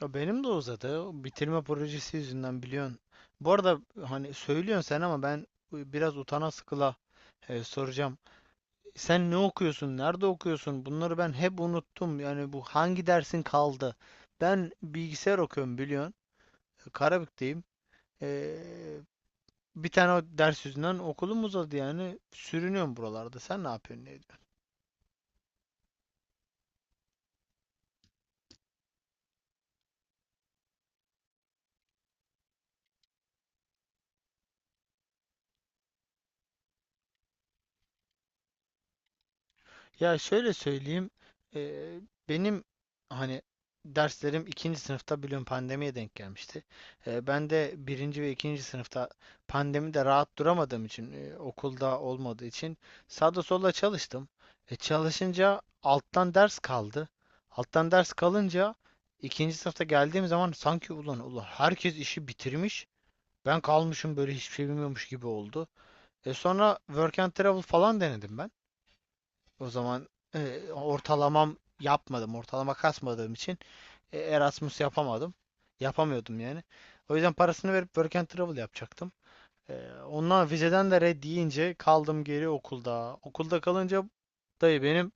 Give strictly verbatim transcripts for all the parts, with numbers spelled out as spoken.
Ya benim de uzadı. O Bitirme projesi yüzünden biliyorsun. Bu arada hani söylüyorsun sen ama ben e, biraz utana sıkıla e, soracağım. Sen ne okuyorsun? Nerede okuyorsun? Bunları ben hep unuttum. Yani bu hangi dersin kaldı? Ben bilgisayar okuyorum biliyorsun. Karabük'teyim. E, bir tane o ders yüzünden okulum uzadı yani. Sürünüyorum buralarda. Sen ne yapıyorsun? Ya şöyle söyleyeyim. eee, benim hani derslerim ikinci sınıfta biliyorum pandemiye denk gelmişti. Eee, ben de birinci ve ikinci sınıfta pandemide rahat duramadığım için eee, okulda olmadığı için sağda solda çalıştım. E, çalışınca alttan ders kaldı. Alttan ders kalınca ikinci sınıfta geldiğim zaman sanki ulan ulan herkes işi bitirmiş. Ben kalmışım böyle hiçbir şey bilmiyormuş gibi oldu. E sonra work and travel falan denedim ben. O zaman e, ortalamam yapmadım. Ortalama kasmadığım için e, Erasmus yapamadım. Yapamıyordum yani. O yüzden parasını verip Work and Travel yapacaktım. E, ondan vizeden de red deyince kaldım geri okulda. Okulda kalınca dayı benim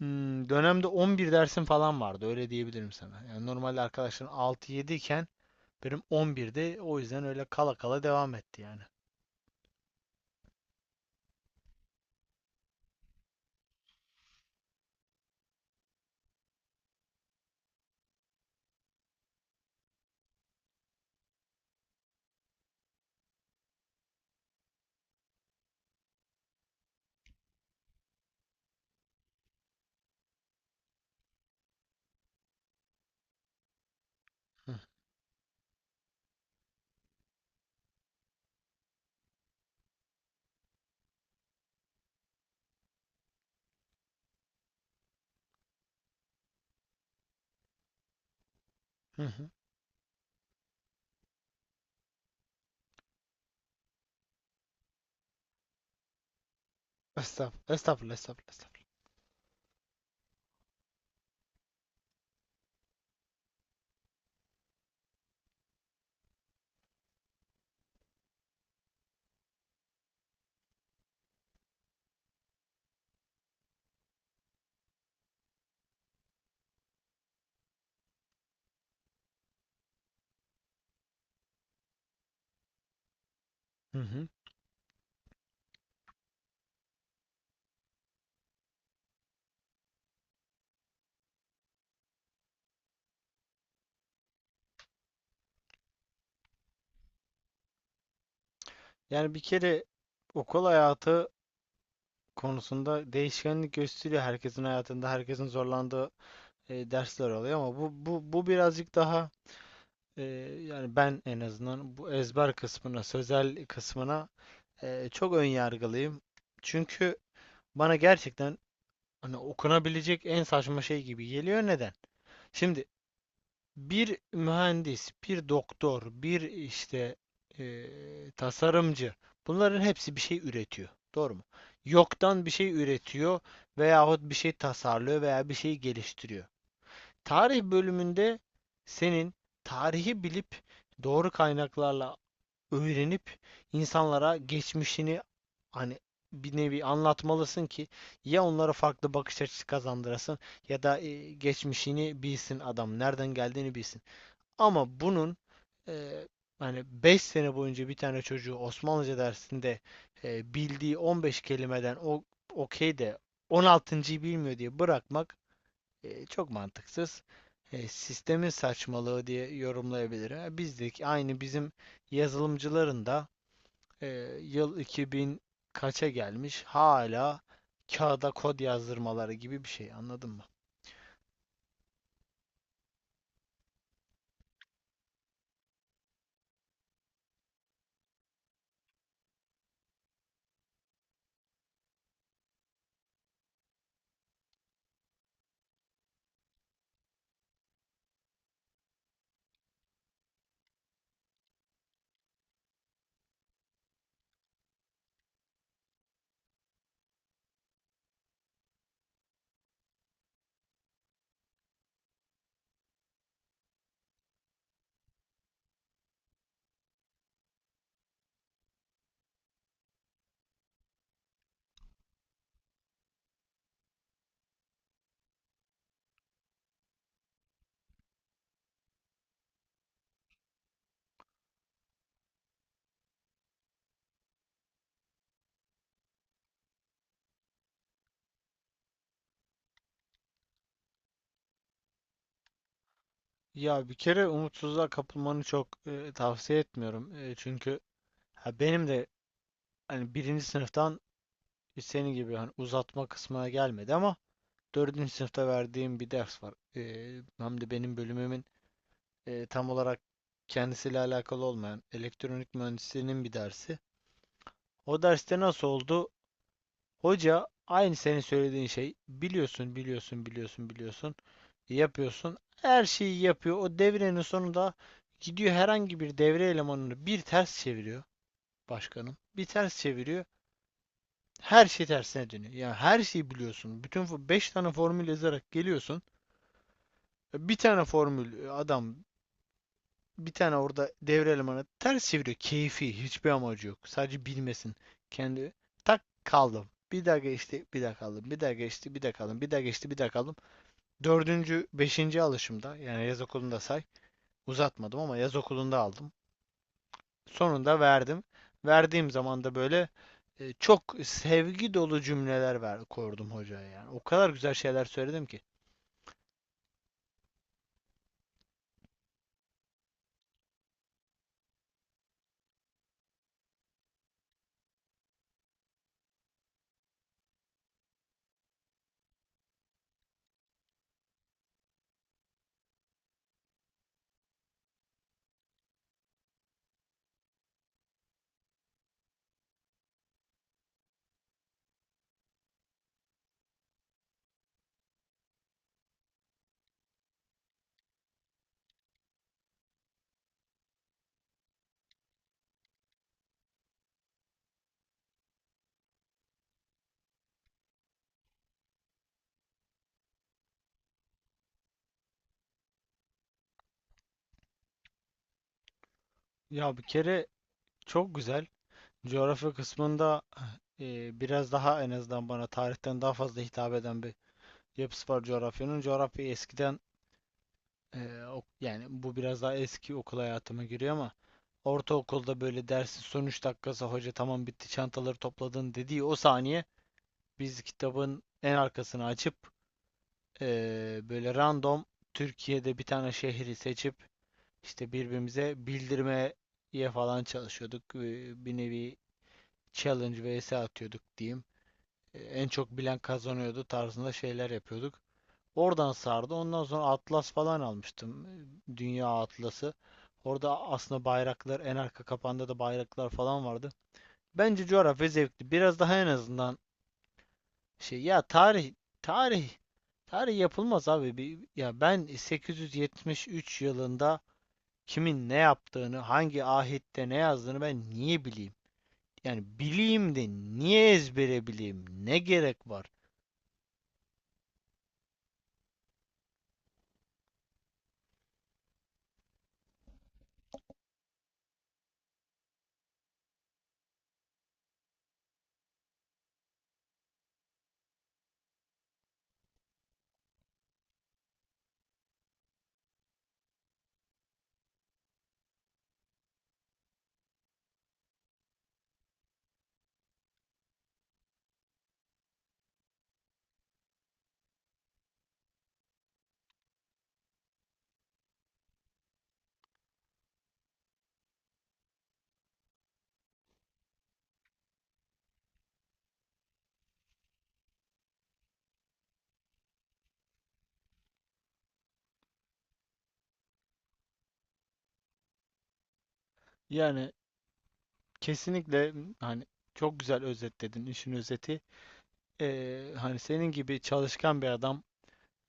hmm, dönemde on bir dersim falan vardı. Öyle diyebilirim sana. Yani normalde arkadaşların altı yedi iken benim on birde, o yüzden öyle kala kala devam etti yani. Hı hı. Estağfurullah, estağfurullah, estağfurullah, estağfurullah. Hı hı. Yani bir kere okul hayatı konusunda değişkenlik gösteriyor herkesin hayatında herkesin zorlandığı e, dersler oluyor ama bu bu bu birazcık daha e, yani ben en azından bu ezber kısmına sözel kısmına e, çok ön yargılıyım çünkü bana gerçekten hani okunabilecek en saçma şey gibi geliyor neden? Şimdi bir mühendis, bir doktor, bir işte eee, tasarımcı. Bunların hepsi bir şey üretiyor. Doğru mu? Yoktan bir şey üretiyor veyahut bir şey tasarlıyor veya bir şey geliştiriyor. Tarih bölümünde senin tarihi bilip doğru kaynaklarla öğrenip insanlara geçmişini hani bir nevi anlatmalısın ki ya onlara farklı bakış açısı kazandırasın ya da e, geçmişini bilsin adam, nereden geldiğini bilsin. Ama bunun eee hani beş sene boyunca bir tane çocuğu Osmanlıca dersinde eee, bildiği on beş kelimeden o okey de on altıncı.'yı bilmiyor diye bırakmak eee, çok mantıksız. Eee, sistemin saçmalığı diye yorumlayabilirim. Ha, bizdeki aynı bizim yazılımcıların da eee, yıl iki bin kaça gelmiş hala kağıda kod yazdırmaları gibi bir şey anladın mı? Ya bir kere umutsuzluğa kapılmanı çok e, tavsiye etmiyorum. E, çünkü ha, benim de hani birinci sınıftan senin gibi hani uzatma kısmına gelmedi ama dördüncü sınıfta verdiğim bir ders var. E, hem de benim bölümümün e, tam olarak kendisiyle alakalı olmayan elektronik mühendisliğinin bir dersi. O derste nasıl oldu? Hoca aynı senin söylediğin şey biliyorsun biliyorsun biliyorsun biliyorsun. Yapıyorsun. Her şeyi yapıyor. O devrenin sonunda gidiyor herhangi bir devre elemanını bir ters çeviriyor başkanım. Bir ters çeviriyor. Her şey tersine dönüyor. Yani her şeyi biliyorsun. Bütün beş tane formül yazarak geliyorsun. Bir tane formül e, adam bir tane orada devre elemanı ters çeviriyor. Keyfi hiçbir amacı yok. Sadece bilmesin. Kendi tak kaldım. Bir daha geçti, bir daha kaldım. Bir daha geçti, bir daha kaldım. Bir daha geçti, bir daha kaldım. Dördüncü, beşinci alışımda yani yaz okulunda say uzatmadım ama yaz okulunda aldım. Sonunda verdim. Verdiğim zaman da böyle e, çok sevgi dolu cümleler ver, kordum hocaya yani. O kadar güzel şeyler söyledim ki. Ya bir kere çok güzel. Coğrafya kısmında e, biraz daha en azından bana tarihten daha fazla hitap eden bir yapısı var coğrafyanın. Coğrafya eskiden e, ok- yani bu biraz daha eski okul hayatıma giriyor ama ortaokulda böyle dersin son üç dakikası hoca tamam bitti çantaları topladın dediği o saniye biz kitabın en arkasını açıp eee, böyle random Türkiye'de bir tane şehri seçip işte birbirimize bildirmeye falan çalışıyorduk. Eee, Bir nevi challenge vs atıyorduk diyeyim. Eee, En çok bilen kazanıyordu tarzında şeyler yapıyorduk. Oradan sardı. Ondan sonra atlas falan almıştım. Eee, Dünya atlası. Orada aslında bayraklar en arka kapanda da bayraklar falan vardı. Bence coğrafya zevkli. Biraz daha en azından şey ya tarih tarih tarih yapılmaz abi. Bir, ya ben sekiz yüz yetmiş üç yılında kimin ne yaptığını, hangi ahette ne yazdığını ben niye bileyim? Yani bileyim de niye ezbere bileyim? Ne gerek var? Yani kesinlikle m, hani çok güzel özetledin işin özeti. Ee, hani senin gibi çalışkan bir adam,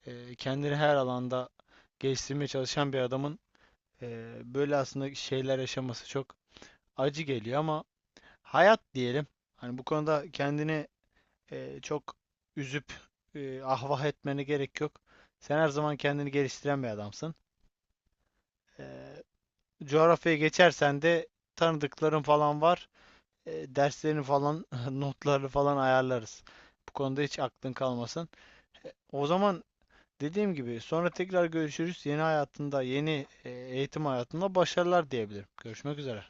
e, kendini her alanda geliştirmeye çalışan bir adamın e, böyle aslında şeyler yaşaması çok acı geliyor ama hayat diyelim. Hani bu konuda kendini e, çok üzüp e, ahvah etmene gerek yok. Sen her zaman kendini geliştiren bir adamsın. E, coğrafyaya geçersen de tanıdıkların falan var. E, derslerini falan, notları falan ayarlarız. Bu konuda hiç aklın kalmasın. O zaman dediğim gibi sonra tekrar görüşürüz. Yeni hayatında, yeni e, eğitim hayatında başarılar diyebilirim. Görüşmek üzere.